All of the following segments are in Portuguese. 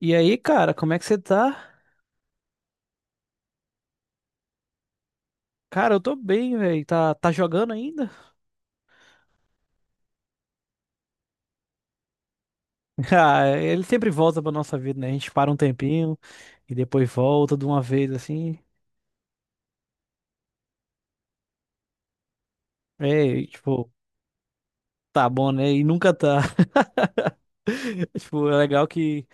E aí, cara, como é que você tá? Cara, eu tô bem, velho. Tá jogando ainda? Ah, ele sempre volta pra nossa vida, né? A gente para um tempinho e depois volta de uma vez, assim. É, e, tipo, tá bom, né? E nunca tá. Tipo, é legal que,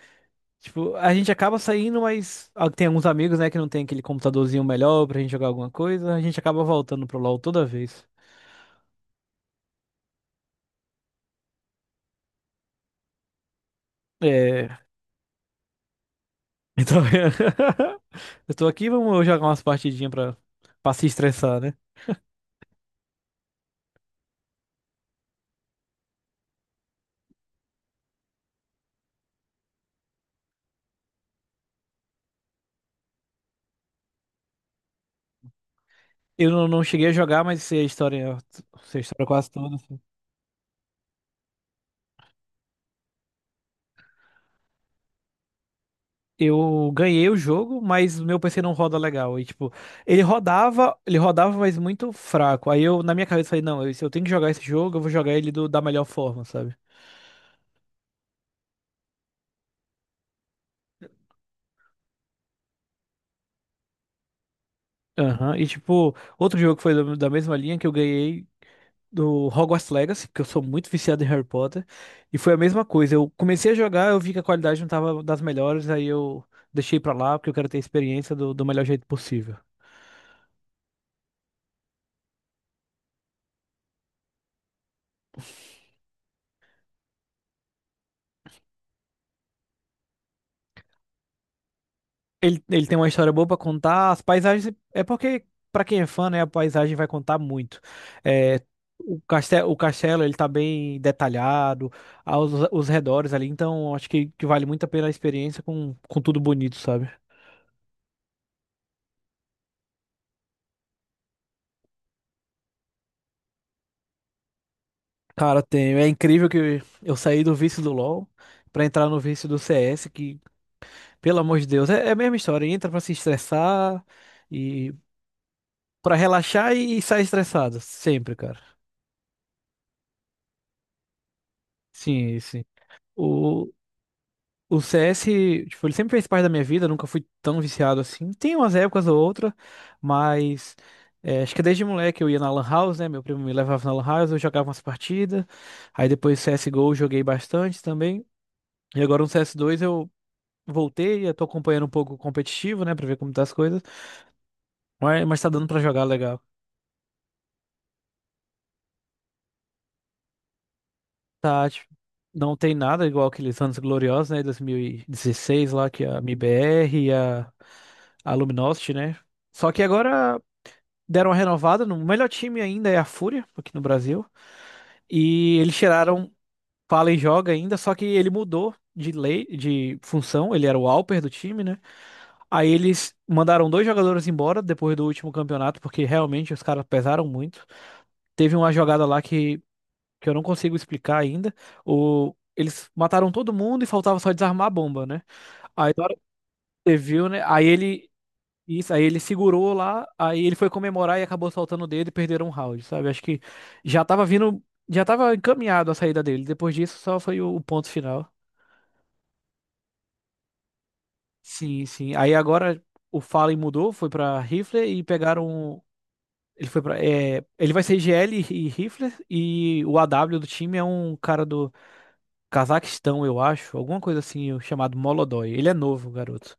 tipo, a gente acaba saindo, mas tem alguns amigos, né, que não tem aquele computadorzinho melhor pra gente jogar alguma coisa. A gente acaba voltando pro LoL toda vez. É, então, eu tô aqui, vamos jogar umas partidinhas pra se estressar, né? Eu não, não cheguei a jogar, mas sei a história quase toda, assim. Eu ganhei o jogo, mas o meu PC não roda legal. E tipo, ele rodava, mas muito fraco. Aí eu, na minha cabeça, falei, não, se eu tenho que jogar esse jogo, eu vou jogar ele da melhor forma, sabe? Aham. E tipo, outro jogo que foi da mesma linha que eu ganhei do Hogwarts Legacy, porque eu sou muito viciado em Harry Potter, e foi a mesma coisa. Eu comecei a jogar, eu vi que a qualidade não tava das melhores, aí eu deixei pra lá, porque eu quero ter a experiência do melhor jeito possível. Ele tem uma história boa pra contar, as paisagens. É porque, pra quem é fã, né, a paisagem vai contar muito. É, o castelo, ele tá bem detalhado, os redores ali, então acho que vale muito a pena a experiência com tudo bonito, sabe? Cara, tenho. É incrível que eu saí do vício do LoL pra entrar no vício do CS, que, pelo amor de Deus, é a mesma história. Entra pra se estressar e pra relaxar e sai estressado. Sempre, cara. Sim, sim. O, o CS, tipo, ele sempre fez parte da minha vida, nunca fui tão viciado assim. Tem umas épocas ou outra, mas acho que desde moleque eu ia na Lan House, né? Meu primo me levava na Lan House, eu jogava umas partidas. Aí depois CSGO eu joguei bastante também. E agora no CS2 eu voltei, eu tô acompanhando um pouco o competitivo, né, pra ver como tá as coisas, mas tá dando pra jogar legal. Tá, tipo, não tem nada igual aqueles anos gloriosos, né, 2016 lá, que é a MIBR e a Luminosity, né, só que agora deram uma renovada, no o melhor time ainda é a Fúria, aqui no Brasil, e eles tiraram Fala e joga ainda, só que ele mudou de lei, de função, ele era o Alper do time, né? Aí eles mandaram dois jogadores embora depois do último campeonato, porque realmente os caras pesaram muito. Teve uma jogada lá que eu não consigo explicar ainda. Eles mataram todo mundo e faltava só desarmar a bomba, né? Aí na hora que você viu, né? Aí ele. Isso, aí ele segurou lá, aí ele foi comemorar e acabou soltando o dedo e perderam um round, sabe? Acho que já tava vindo, já tava encaminhado a saída dele. Depois disso, só foi o ponto final. Sim, sim. Aí agora o Fallen mudou, foi pra Rifler e pegaram. Ele foi para ele vai ser GL e Rifler e o AW do time é um cara do Cazaquistão, eu acho, alguma coisa assim, chamado Molodói. Ele é novo, garoto.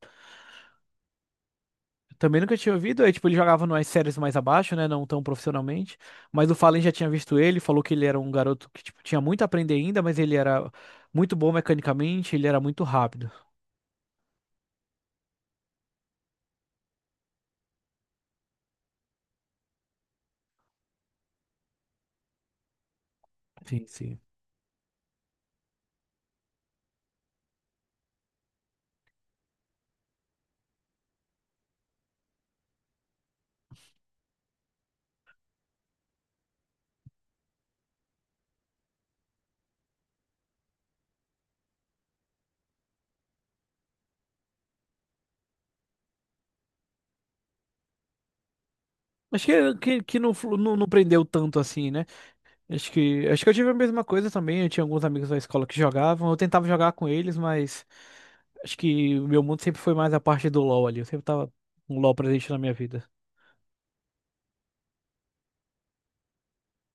Também nunca tinha ouvido, aí, tipo, ele jogava nas séries mais abaixo, né, não tão profissionalmente, mas o Fallen já tinha visto ele, falou que ele era um garoto que, tipo, tinha muito a aprender ainda, mas ele era muito bom mecanicamente, ele era muito rápido. Sim, sim. Acho que não prendeu tanto assim, né? Acho que eu tive a mesma coisa também. Eu tinha alguns amigos da escola que jogavam. Eu tentava jogar com eles, mas acho que o meu mundo sempre foi mais a parte do LoL ali. Eu sempre tava um LoL presente na minha vida.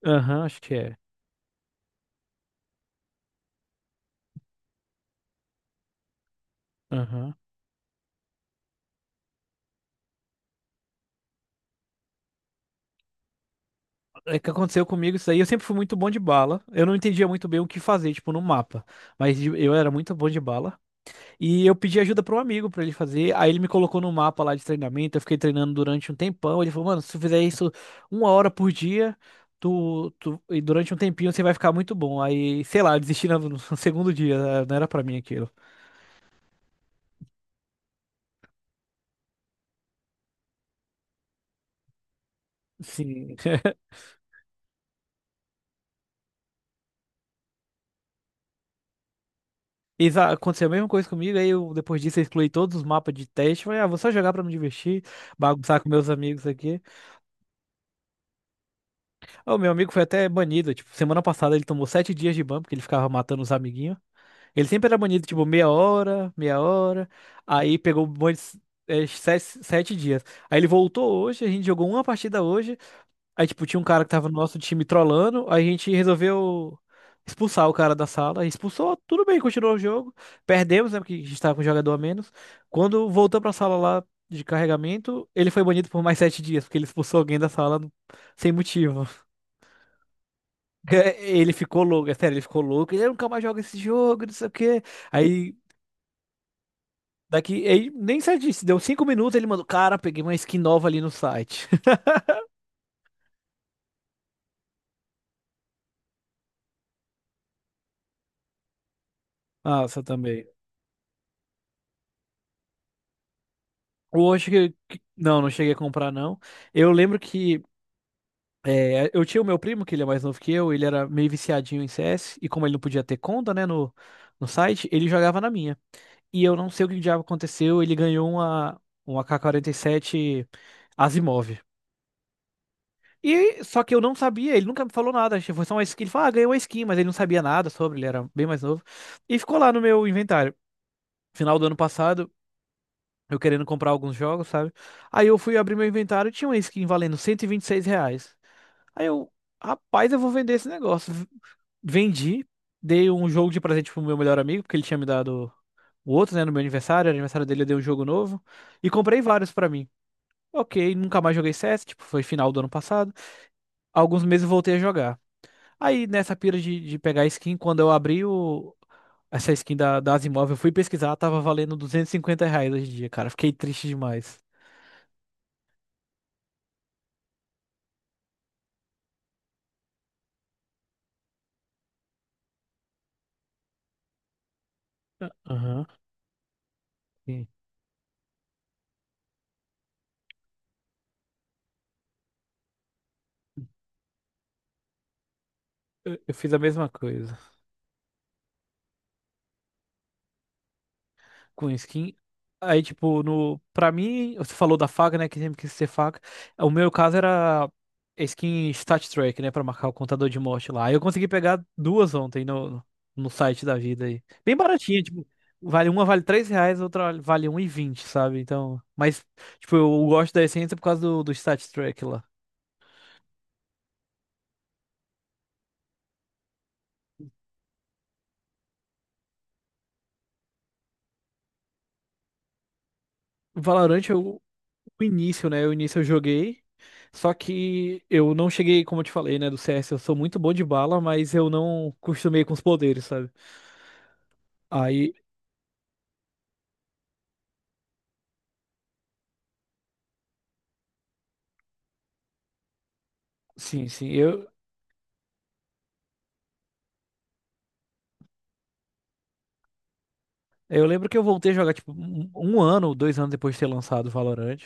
Aham, acho que é. Aham. É que aconteceu comigo isso aí. Eu sempre fui muito bom de bala. Eu não entendia muito bem o que fazer, tipo, no mapa. Mas eu era muito bom de bala. E eu pedi ajuda para um amigo para ele fazer. Aí ele me colocou no mapa lá de treinamento. Eu fiquei treinando durante um tempão. Ele falou, mano, se tu fizer isso 1 hora por dia, e durante um tempinho você vai ficar muito bom. Aí, sei lá, eu desisti no segundo dia, né? Não era para mim aquilo. Sim. Aconteceu a mesma coisa comigo. Aí eu, depois disso, eu excluí todos os mapas de teste. Falei, vou só jogar para me divertir, bagunçar com meus amigos aqui. Ah, o meu amigo foi até banido. Tipo, semana passada ele tomou 7 dias de ban, porque ele ficava matando os amiguinhos. Ele sempre era banido, tipo, meia hora, meia hora. Aí pegou mais, sete dias. Aí ele voltou hoje, a gente jogou uma partida hoje. Aí, tipo, tinha um cara que tava no nosso time trollando. Aí a gente resolveu expulsar o cara da sala. Expulsou, tudo bem, continuou o jogo. Perdemos, né? Porque a gente tava com um jogador a menos. Quando voltou pra sala lá de carregamento, ele foi banido por mais 7 dias, porque ele expulsou alguém da sala sem motivo. É, ele ficou louco, é sério, ele ficou louco. Ele, "Eu nunca mais joga esse jogo, não sei o quê." Aí daqui, ele nem sei disso, deu 5 minutos, ele mandou, cara, peguei uma skin nova ali no site. Massa também. Hoje não, não cheguei a comprar não. Eu lembro que eu tinha o meu primo, que ele é mais novo que eu, ele era meio viciadinho em CS, e como ele não podia ter conta, né, no site, ele jogava na minha. E eu não sei o que diabo aconteceu, ele ganhou uma AK-47 Asimov. E só que eu não sabia, ele nunca me falou nada. Foi só uma skin, ele falou, ganhou uma skin, mas ele não sabia nada sobre, ele era bem mais novo. E ficou lá no meu inventário, final do ano passado, eu querendo comprar alguns jogos, sabe? Aí eu fui abrir meu inventário e tinha uma skin valendo cento e vinte e seis reais. Aí eu, rapaz, eu vou vender esse negócio. Vendi, dei um jogo de presente pro meu melhor amigo, porque ele tinha me dado o outro, né, no meu aniversário, era aniversário dele, eu dei um jogo novo e comprei vários pra mim. Ok, nunca mais joguei CS, tipo, foi final do ano passado. Alguns meses eu voltei a jogar. Aí nessa pira de pegar skin, quando eu abri essa skin das imóveis, eu fui pesquisar, tava valendo R$ 250 hoje em dia, cara. Fiquei triste demais. Aham. Sim. Eu fiz a mesma coisa com skin Aí, tipo, no, pra mim, você falou da faca, né? Que sempre quis ser faca. O meu caso era skin Stat Track, né? Pra marcar o contador de morte lá. Aí eu consegui pegar duas ontem no site da vida aí. Bem baratinha, tipo, vale R$ 3, outra vale 1,20, sabe? Então, mas, tipo, eu gosto da essência por causa do Stat Track lá. Valorant, o início, né? O início eu joguei. Só que eu não cheguei, como eu te falei, né, do CS. Eu sou muito bom de bala, mas eu não costumei com os poderes, sabe? Aí, sim, sim. Eu lembro que eu voltei a jogar, tipo, um ano, 2 anos depois de ter lançado o Valorant.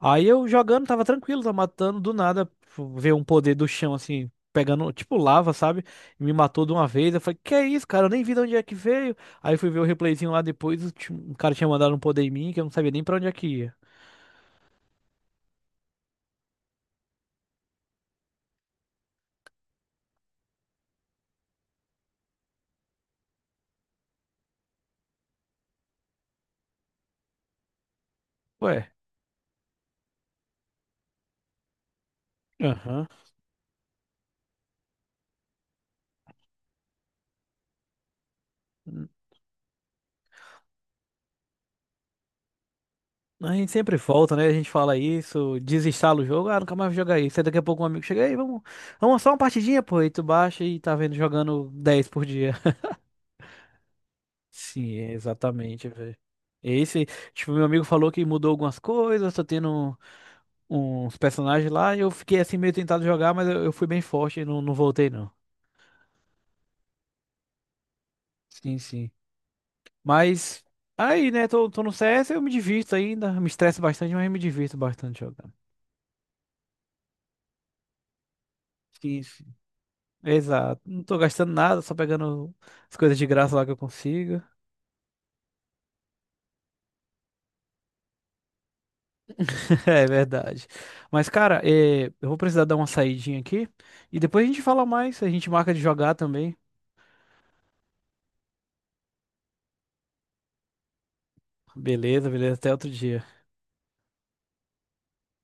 Aí eu jogando, tava tranquilo, tava matando, do nada, tipo, veio um poder do chão, assim, pegando, tipo, lava, sabe? E me matou de uma vez. Eu falei, que é isso, cara? Eu nem vi de onde é que veio. Aí fui ver o replayzinho lá depois, o cara tinha mandado um poder em mim que eu não sabia nem pra onde é que ia. Ué. Aham. A gente sempre volta, né? A gente fala isso, desinstala o jogo, nunca mais vou jogar isso. Aí daqui a pouco um amigo chega aí, vamos só uma partidinha, pô. E tu baixa e tá vendo jogando 10 por dia. Sim, é exatamente, velho. Esse, tipo, meu amigo falou que mudou algumas coisas, tá tendo uns personagens lá, e eu fiquei assim meio tentado jogar, mas eu fui bem forte e não, não voltei, não. Sim, sim. Mas aí, né, tô no CS, eu me divirto ainda, me estresso bastante, mas eu me divirto bastante jogando. Sim, sim. Exato. Não tô gastando nada, só pegando as coisas de graça lá que eu consigo. É verdade. Mas, cara, eu vou precisar dar uma saidinha aqui e depois a gente fala mais. A gente marca de jogar também. Beleza, beleza. Até outro dia.